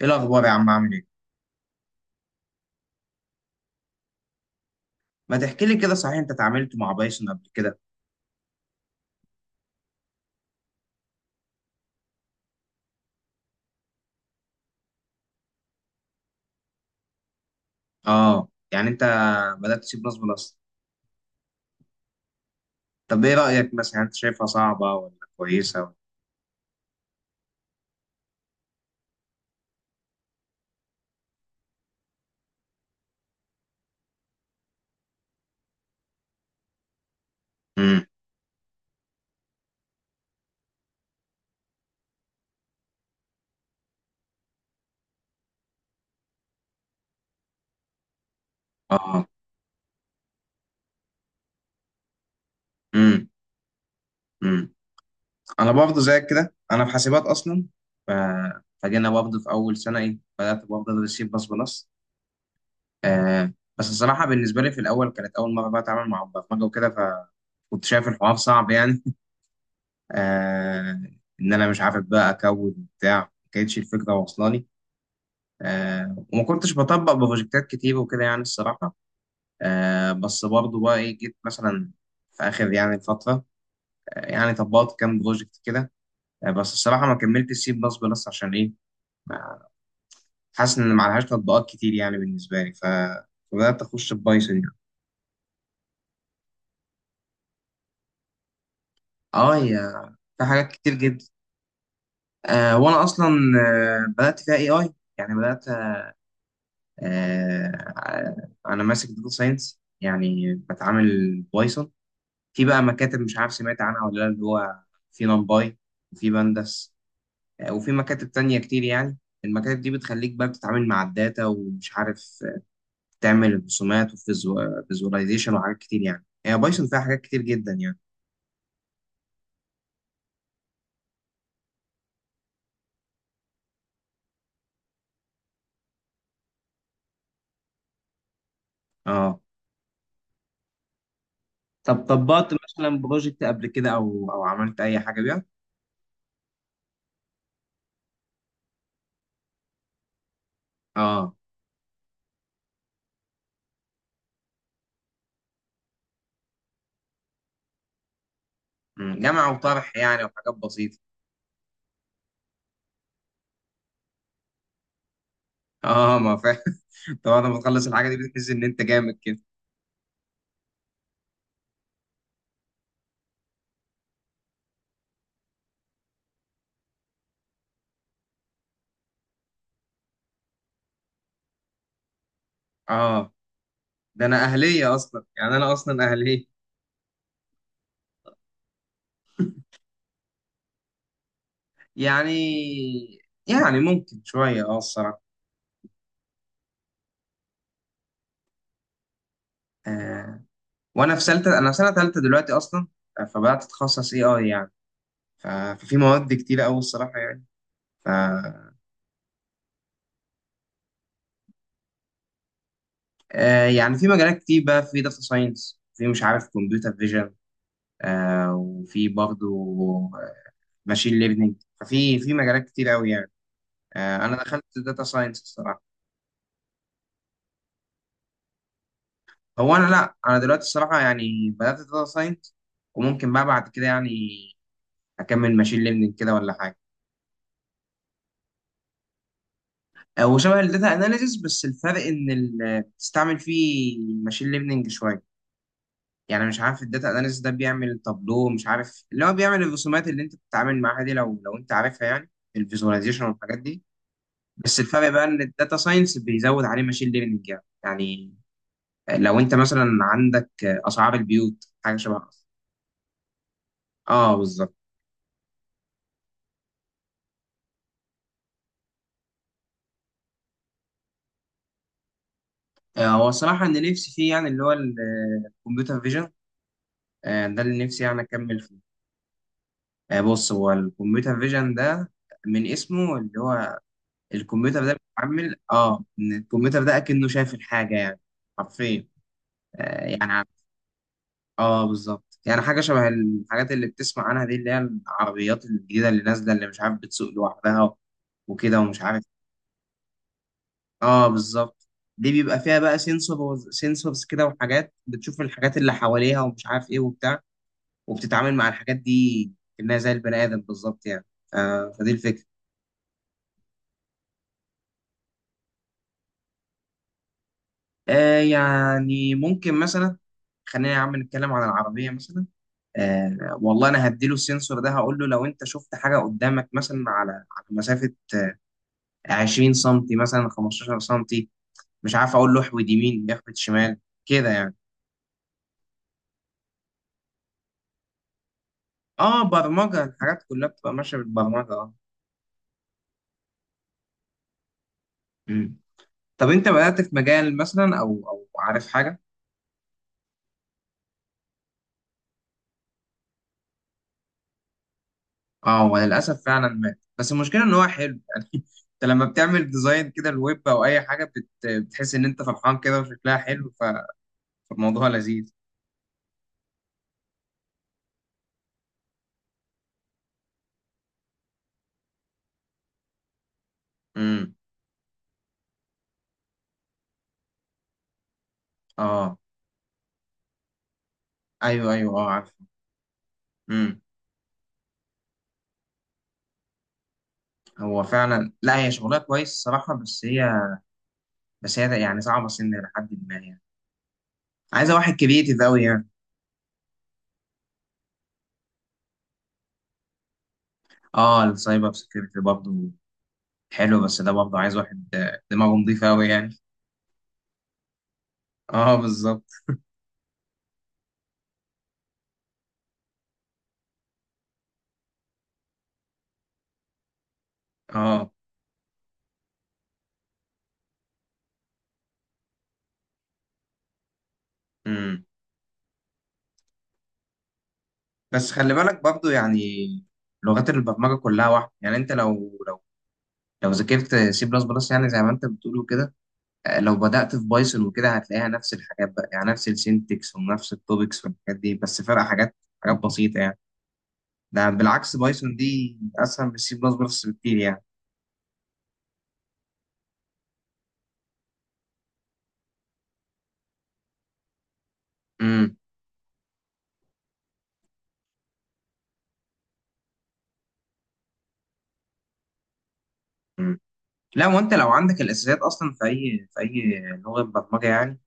ايه الاخبار يا عم؟ عامل ايه؟ ما تحكي لي كده، صحيح انت اتعاملت مع بايثون قبل كده؟ اه يعني انت بدات تسيب نصب الاصل. طب ايه رايك مثلا، انت شايفها صعبه ولا كويسه ولا؟ امم اه. امم. امم. انا برضه زيك كده، انا في حاسبات اصلا. ف... فجينا برضه في اول سنه، ايه، بدات برضه ادرس سي بلس بلس. آه، بس الصراحه بالنسبه لي في الاول كانت اول مره بقى اتعامل مع برمجه وكده، فكنت شايف الحوار صعب يعني. آه، ان انا مش عارف بقى اكود وبتاع، ما كانتش الفكره واصله لي. آه، وما كنتش بطبق بروجكتات كتير وكده يعني الصراحة. آه بس برضه بقى إيه، جيت مثلا في آخر يعني فترة، آه، يعني طبقت كام بروجكت كده. آه بس الصراحة ما كملتش سي بلس بلس عشان إيه؟ ما- حاسس إن معلهاش تطبيقات كتير يعني بالنسبة لي. فبدأت أخش في بايثون يعني. آه، يا في حاجات كتير جدا. آه وأنا أصلا، آه بدأت فيها إي آي يعني، بدأت آه. آه، أنا ماسك داتا ساينس يعني بتعامل بايثون. في بقى مكاتب مش عارف سمعت عنها ولا لا، اللي هو في نمباي وفي بندس، آه، وفي مكاتب تانية كتير يعني. المكاتب دي بتخليك بقى بتتعامل مع الداتا ومش عارف آه، تعمل رسومات وفيزواليزيشن وحاجات كتير. يعني هي بايثون فيها حاجات كتير جدا يعني. اه. طب طبقت مثلا بروجكت قبل كده، او عملت اي حاجه بيها؟ اه. مم، جمع وطرح يعني وحاجات بسيطه. اه ما فاهم. طبعا لما تخلص الحاجه دي بتحس ان انت جامد كده. اه، ده انا اهليه اصلا، يعني انا اصلا اهليه. يعني، يعني ممكن شوية اه الصراحة. آه، وانا في سلتة، انا في سنة تالتة دلوقتي اصلا. آه، فبدأت اتخصص اي اي يعني. ف- ففي مواد كتيرة اوي الصراحة يعني. ف، آه يعني في مجالات كتير بقى، في داتا ساينس، في مش عارف كمبيوتر فيجن، آه وفي برضه ماشين ليرنينج. في مجالات كتير اوي يعني. آه انا دخلت داتا ساينس الصراحة. هو انا لا، انا دلوقتي الصراحة يعني بدأت داتا ساينس، وممكن بقى بعد كده يعني اكمل ماشين ليرنينج كده ولا حاجة. آه، وشبه الداتا اناليسيس، بس الفرق ان بتستعمل فيه ماشين ليرنينج شويه يعني. مش عارف الداتا اناليسيس ده بيعمل تابلو، مش عارف، اللي هو بيعمل الرسومات اللي انت بتتعامل معاها دي، لو انت عارفها يعني. الفيزواليزيشن والحاجات دي. بس الفرق بقى ان الداتا ساينس بيزود عليه ماشين ليرنينج يعني. يعني لو انت مثلا عندك آه، اسعار البيوت حاجه شبه كده. اه بالظبط. آه، هو الصراحه ان نفسي فيه، يعني اللي هو الكمبيوتر فيجن، ده اللي نفسي يعني اكمل. آه، بص هو الكمبيوتر فيجن ده من اسمه، اللي هو الكمبيوتر ده بيتعامل اه، ان الكمبيوتر ده اكنه شايف الحاجه يعني. حرفيا. آه يعني ع- اه بالظبط، يعني حاجه شبه الحاجات اللي بتسمع عنها دي، اللي هي العربيات الجديده اللي نازله، اللي مش عارف بتسوق لوحدها وكده ومش عارف. اه بالظبط. دي بيبقى فيها بقى سنسور، سنسورز كده، وحاجات بتشوف الحاجات اللي حواليها ومش عارف ايه وبتاع، وبتتعامل مع الحاجات دي كأنها زي البني ادم بالظبط يعني. آه فدي الفكره. آه يعني ممكن مثلا، خلينا يا عم نتكلم عن العربية مثلا. آه والله أنا هديله السنسور ده، هقول له لو أنت شفت حاجة قدامك مثلا على مسافة 20 سنتي مثلا، 15 سنتي، مش عارف، أقول له احود يمين، يحود شمال كده يعني. آه، برمجة الحاجات كلها بتبقى ماشية بالبرمجة. آه. مم. طب أنت بدأت في مجال مثلا، أو عارف حاجة؟ اه هو للاسف فعلا مات، بس المشكله ان هو حلو يعني. انت لما بتعمل ديزاين كده الويب او اي حاجه بتحس ان انت فرحان كده وشكلها حلو. فالموضوع لذيذ. امم. اه. ايوه ايوه، اه عارف. امم. هو فعلا لا، هي شغلها كويس الصراحه، بس هي، بس هي يعني صعبه سن لحد ما يعني، عايزه واحد كريتيف قوي يعني. اه السايبر سكيورتي برضه حلو، بس ده برضه عايز واحد آه، دماغه نظيفه قوي يعني. اه بالظبط. اه. امم. بس خلي بالك برضو يعني، لغات البرمجه كلها واحده يعني. انت لو لو ذاكرت سي بلس بلس، يعني زي ما انت بتقول وكده، آه، لو بدأت في بايثون وكده هتلاقيها نفس الحاجات بقى يعني، نفس السينتكس ونفس التوبكس والحاجات دي، بس فرق حاجات، حاجات بسيطه يعني. ده بالعكس بايثون دي اسهل من سي بلس بلس بكتير يعني. امم. أمم. لا وانت لو عندك الاساسيات اصلا في اي، في اي لغه برمجه يعني،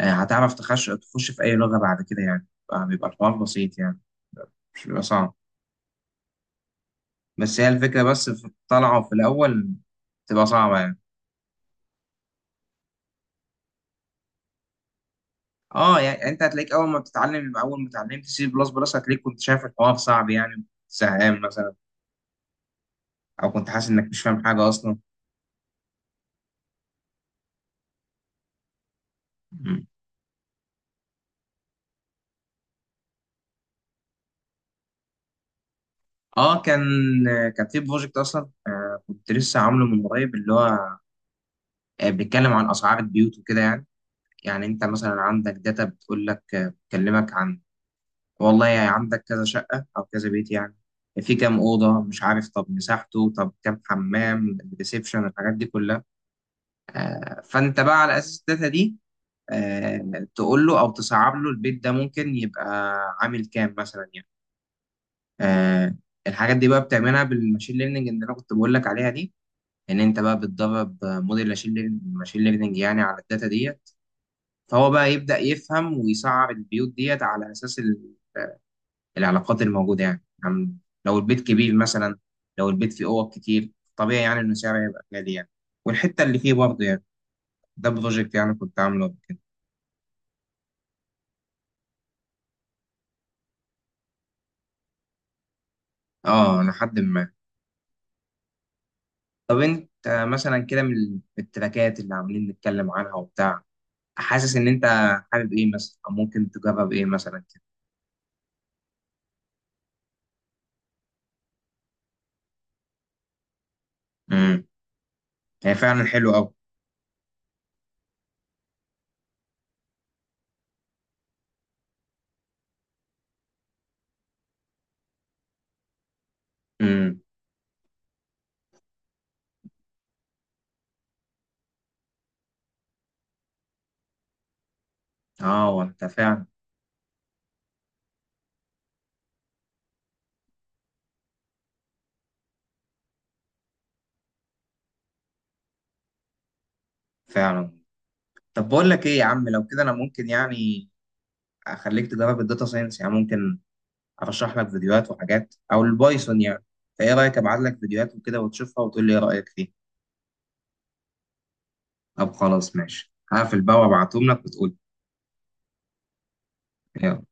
آه، هتعرف تخش، تخش في اي لغه بعد كده يعني. آه، بيبقى الحوار بسيط يعني، مش بيبقى صعب. بس هي الفكرة بس في الطلعة في الأول تبقى صعبة يعني. اه يعني انت هتلاقيك اول ما بتتعلم، اول ما اتعلمت سي بلس بلس هتلاقيك كنت شايف الحوار صعب يعني، زهقان مثلا، او كنت حاسس انك مش فاهم حاجة اصلا. مم. اه كان، كان في بروجكت اصلا آه، كنت لسه عامله من قريب، اللي هو آه بيتكلم عن اسعار البيوت وكده يعني. يعني انت مثلا عندك داتا بتقول لك آه، بتكلمك عن، والله يعني عندك كذا شقة أو كذا بيت يعني، في كام أوضة، مش عارف، طب مساحته، طب كام حمام، ريسبشن، الحاجات دي كلها. آه، فأنت بقى على أساس الداتا دي، آه، تقول له أو تصعب له البيت ده ممكن يبقى عامل كام مثلا يعني. آه، الحاجات دي بقى بتعملها بالماشين ليرنينج اللي أنا كنت بقول لك عليها دي. إن أنت بقى بتدرب آه، موديل ماشين ليرنينج، ماشين ليرنينج يعني، على الداتا ديت. فهو بقى يبدأ يفهم ويصعب البيوت ديت على أساس العلاقات الموجودة يعني. لو البيت كبير مثلا، لو البيت فيه أوض كتير، طبيعي يعني إنه سعره يبقى غالي يعني، والحتة اللي فيه برضه يعني. ده بروجكت يعني كنت عامله قبل كده. اه لحد ما. طب انت مثلا كده من من التراكات اللي عاملين نتكلم عنها وبتاع، حاسس ان انت حابب ايه مثلا، او ممكن تجرب ايه مثلا كده؟ امم. هي فعلا حلو قوي. امم. اه. وانت فعلا، فعلا. طب بقول لك ايه يا عم، لو كده انا ممكن يعني اخليك تجرب الداتا ساينس يعني، ممكن ارشح لك فيديوهات وحاجات، او البايثون يعني. فايه رايك ابعت لك فيديوهات وكده وتشوفها وتقول لي ايه رايك فيها؟ طب خلاص ماشي، هقفل بقى وابعتهم لك وتقول لي. يلا